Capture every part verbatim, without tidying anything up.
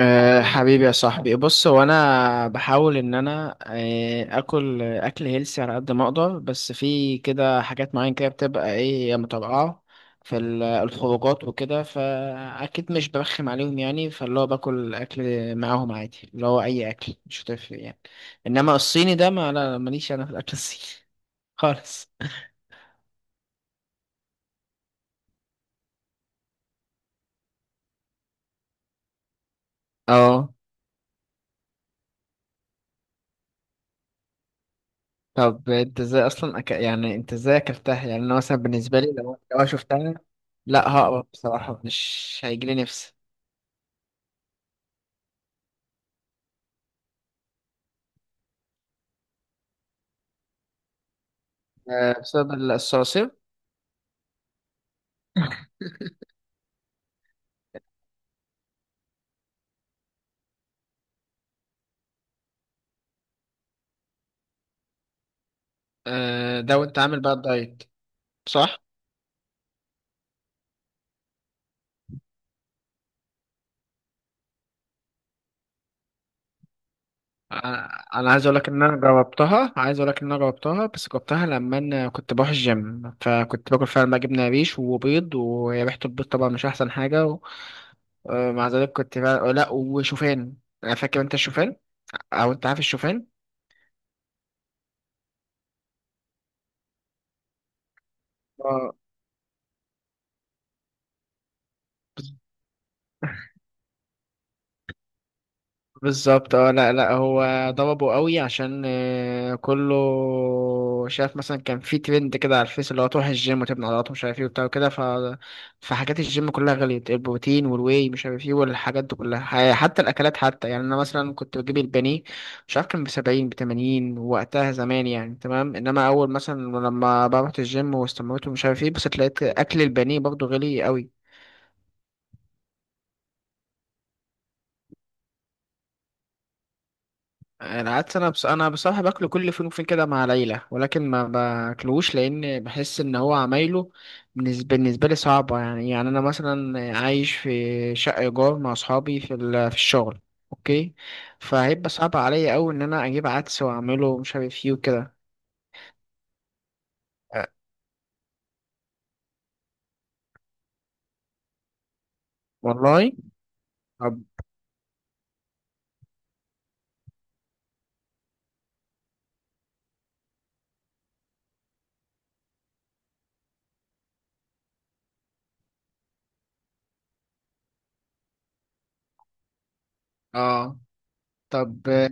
أه، حبيبي يا صاحبي، بص، هو انا بحاول ان انا آه، اكل اكل هيلسي على قد ما اقدر، بس في كده حاجات معينة كده بتبقى ايه متابعة في ال- الخروجات وكده، فاكيد مش برخم عليهم يعني، فاللي هو باكل اكل معاهم عادي، اللي هو اي اكل مش هتفرق يعني. انما الصيني ده ما لا ماليش انا في الاكل الصيني خالص. اه، طب انت ازاي اصلا أك... يعني انت ازاي اكلتها؟ يعني انا مثلا بالنسبه لي لو لو أنا شفتها لا هقرف بصراحه، مش هيجيلي نفسي. أه، بسبب الصراصير. أه، ده وانت عامل بقى الدايت، صح. انا أنا عايز اقول لك ان انا جربتها، عايز اقول لك ان انا جربتها بس جربتها لما انا كنت بروح الجيم، فكنت باكل فعلا بقى جبنه ريش وبيض، وريحه البيض طبعا مش احسن حاجه و... آه، مع ذلك كنت بقى... لا، وشوفان. انا فاكر انت الشوفان او انت عارف الشوفان. اه، بالظبط. اه، لا لا، هو ضربه قوي عشان آه، كله شاف مثلا. كان في ترند كده على الفيس، اللي هو تروح الجيم وتبني عضلات ومش عارف ايه وبتاع وكده. ف فحاجات الجيم كلها غليت، البروتين والواي مش عارف ايه والحاجات دي كلها، ح- حتى الاكلات حتى، يعني انا مثلا كنت بجيب البانيه مش عارف كان ب سبعين ب تمانين وقتها زمان، يعني تمام. انما اول مثلا لما بروح الجيم واستمريت ومش عارف ايه، بس لقيت اكل البانيه برضه غالي قوي. العدس، انا بص... انا بصراحه باكله كل فين وفين كده مع العيله، ولكن ما باكلوش لان بحس ان هو عمايله بالنسبه بالنسبه لي صعبه يعني يعني انا مثلا عايش في شقه ايجار مع اصحابي في ال... في الشغل، اوكي، فهيبقى صعب عليا قوي ان انا اجيب عدس واعمله مش عارف ايه وكده. أه، والله. طب. اه طب آه،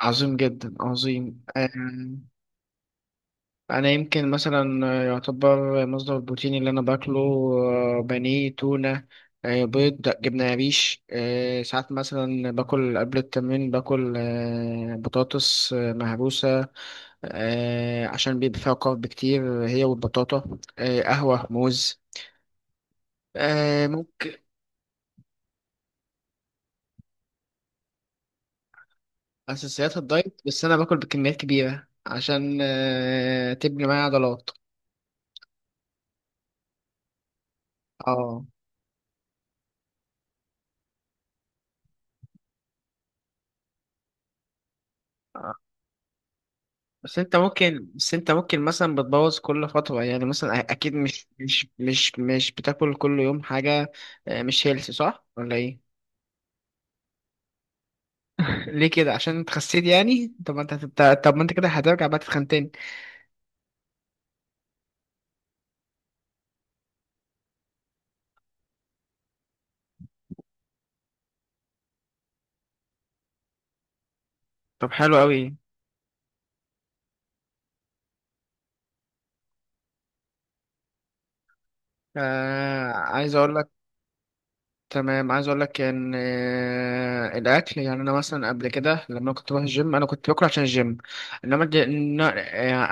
عظيم جدا، عظيم آه. انا يمكن مثلا يعتبر مصدر البروتين اللي انا باكله آه، بانيه، تونه، آه، بيض، جبنه قريش، آه، ساعات مثلا باكل قبل التمرين، باكل آه، بطاطس آه، مهروسه، آه، عشان بيبقى فيها كارب كتير، هي والبطاطا، آه، قهوه، موز، آه، ممكن. اساسيات الدايت، بس انا باكل بكميات كبيره عشان آه، تبني معايا عضلات. اه. بس انت ممكن بس انت ممكن مثلا بتبوظ كل فترة، يعني مثلا أ- اكيد مش مش مش مش بتاكل كل يوم حاجة. آه، مش هيلثي، صح ولا ايه؟ ليه كده، عشان انت خسيت يعني؟ طب ما انت هتت- طب ما انت كده هترجع بقى تتخن تاني. طب حلو قوي. آه عايز اقول تمام. عايز اقول لك ان آه، الاكل، يعني انا مثلا قبل كده لما كنت بروح الجيم انا كنت باكل عشان الجيم. انما دل...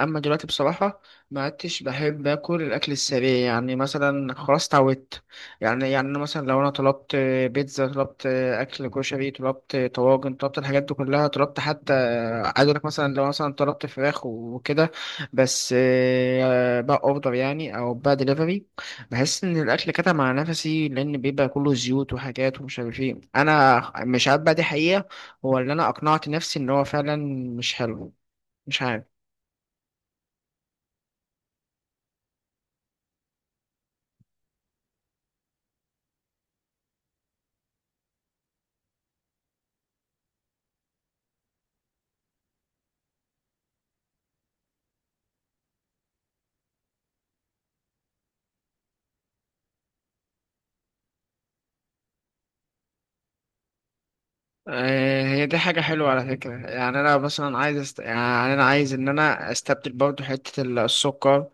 اما دلوقتي بصراحه ما عدتش بحب اكل الاكل السريع، يعني مثلا، خلاص اتعودت. يعني يعني أنا مثلا لو انا طلبت آه، بيتزا، طلبت آه، اكل كشري، طلبت آه، طواجن، طلبت الحاجات دي كلها، طلبت حتى آه، عايز اقول لك مثلا، لو مثلا طلبت فراخ وكده بس آه، بقى اوردر يعني او بقى دليفري، بحس ان الاكل كتم على نفسي لان بيبقى كله زيوت وحاجات ومش عارف ايه. انا مش عارف بقى دي حقيقه هو اللي انا اقنعت نفسي ان هو فعلا مش حلو، مش عارف. آه، هي دي حاجة حلوة على فكرة، يعني أنا مثلا عايز أست... يعني أنا عايز إن أنا أستبدل برضو حتة ال- السكر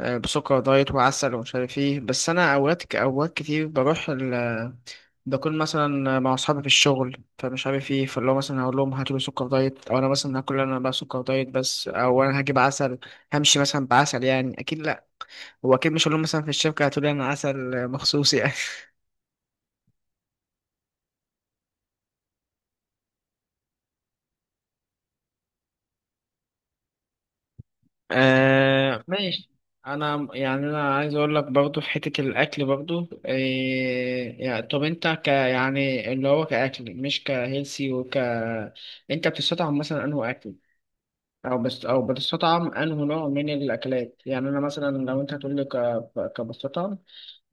آه، بسكر دايت وعسل ومش عارف إيه. بس أنا أوقات ك- أوقات كتير بروح، ده كل مثلا مع اصحابي في الشغل فمش عارف ايه، فاللي هو مثلا هقول لهم هاتوا لي سكر دايت، او انا مثلا هاكل انا بقى سكر دايت بس، او انا هجيب عسل، همشي مثلا بعسل؟ يعني اكيد لا، هو اكيد مش هقول لهم مثلا في الشركه هاتوا لي انا عسل مخصوص يعني آه، ماشي. انا يعني انا عايز اقول لك برضو في حته الاكل برضو إيه يعني. طب انت ك يعني اللي هو كاكل مش كهيلسي وك انت بتستطعم مثلا انه اكل، او بس او بتستطعم انه نوع من الاكلات، يعني انا مثلا لو انت هتقول لي ك- كبستطعم؟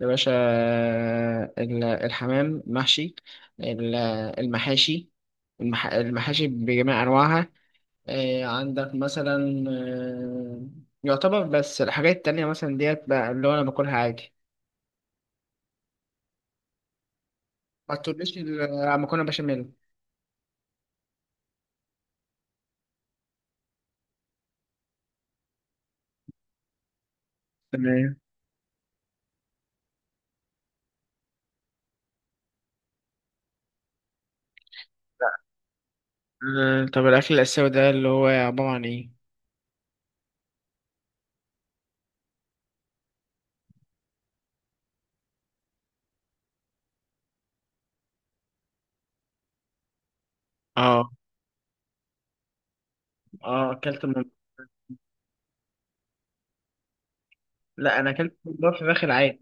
يا باشا، آه، ال- الحمام محشي، ال- المحاشي، المح- المحاشي بجميع انواعها، آه، عندك مثلا آه، يعتبر. بس الحاجات التانية مثلا ديت بقى اللي هو انا باكلها عادي. ما تقوليش ال- مكرونه بشاميل. تمام. آه، طب الأكل الآسيوي ده اللي هو عبارة عن إيه؟ آه آه أكلت من... لا، أنا أكلت ممبار فراخ العادي.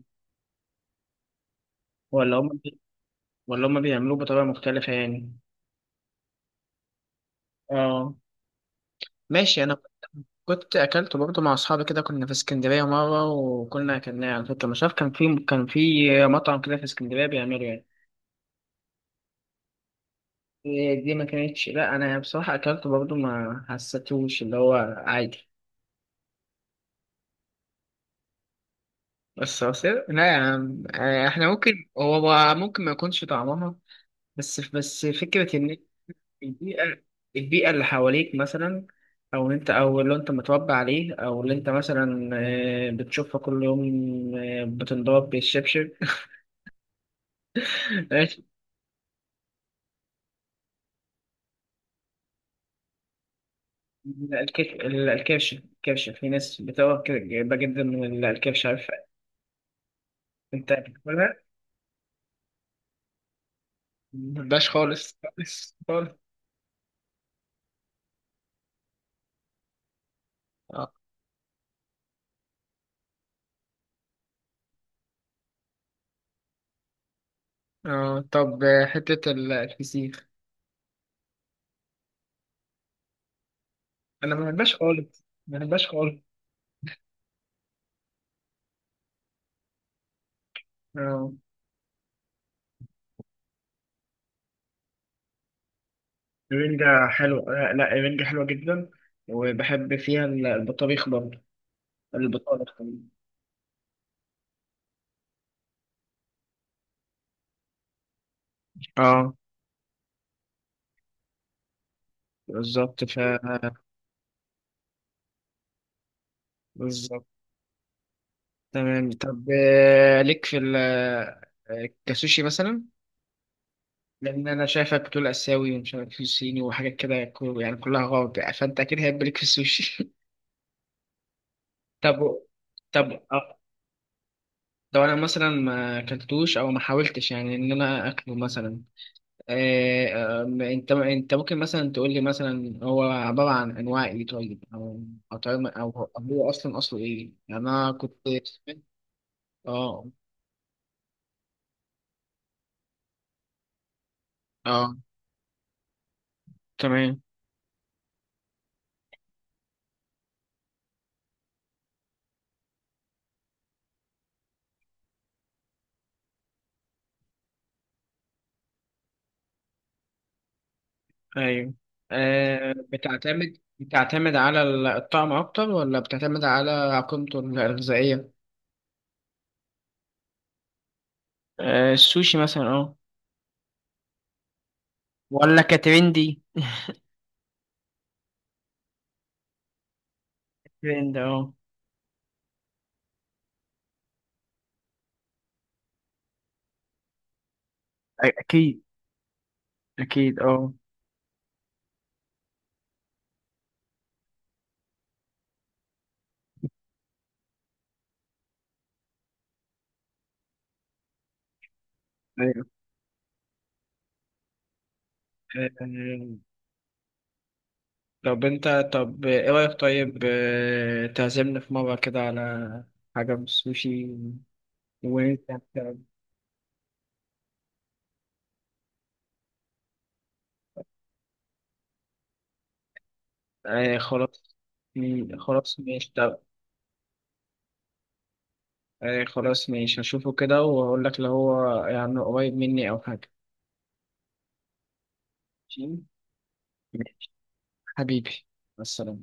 ولا هم بي... ولا هم بيعملوه بطريقة مختلفة يعني؟ اه، ماشي. انا كنت اكلته برضه مع اصحابي كده، كنا في اسكندرية مرة وكنا اكلناه على فكرة. مش عارف كان في كان في مطعم كده في اسكندرية بيعمله يعني. إيه دي ما كانتش، لا انا بصراحة اكلته برضه ما حسيتوش اللي هو عادي. بس أصل- لا يا عم، آه، احنا ممكن، هو هو ممكن ما يكونش طعمها. بس بس فكرة ان البيئة البيئة اللي حواليك مثلا، أو اللي أنت أو اللي أنت متربي عليه، أو اللي أنت مثلا آه، بتشوفها كل يوم، آه، بتنضرب بالشبشب. ماشي. لا، الكش- ال- الكرش الكرش. في ناس بتقرا جدا جدا من الكرش، عارف. أنت بتقولها؟ مبقاش خالص خالص خالص. اه. آه، طب آه، حتة ال- الفسيخ، أنا ما بحبهاش خالص، ما بحبهاش خالص. آه، الرنجة حلوة. آه، لا الرنجة حلوة جدا، وبحب فيها ال- البطاريخ برضه. البطاله الخليجية. اه، بالظبط. ف بالظبط. تمام. طب آه، ليك في ال آه، كسوشي مثلا؟ لان انا شايفك بتقول اسيوي ومش عارف في صيني وحاجات كده كو- يعني كلها غلط، يعني فانت اكيد هيبقى ليك في السوشي. طب طب آه، لو انا مثلا ما اكلتوش او ما حاولتش يعني ان انا اكله مثلا آه، آه، انت انت ممكن مثلا تقول لي مثلا هو عباره عن انواع ايه طيب، او او طعم- او أو هو اصلا اصله ايه يعني؟ انا كنت اه، اه، تمام. ايوه، آه بتعتمد بتعتمد على ال- الطعم اكتر، ولا بتعتمد على قيمته الغذائيه؟ آه السوشي مثلا، اه، ولا كترندي، ترند؟ اه. أ- اكيد، اكيد، اه، ايوه. آه، طب انت، طب ايه رايك طيب، آه، تعزمنا في مره كده على حاجه من السوشي. وانت بت- آه خلاص. مم، خلاص ماشي. طب ايه، خلاص ماشي، هشوفه كده وهقول لك لو هو يعني قريب مني او حاجة. ماشي. حبيبي، مع السلامة.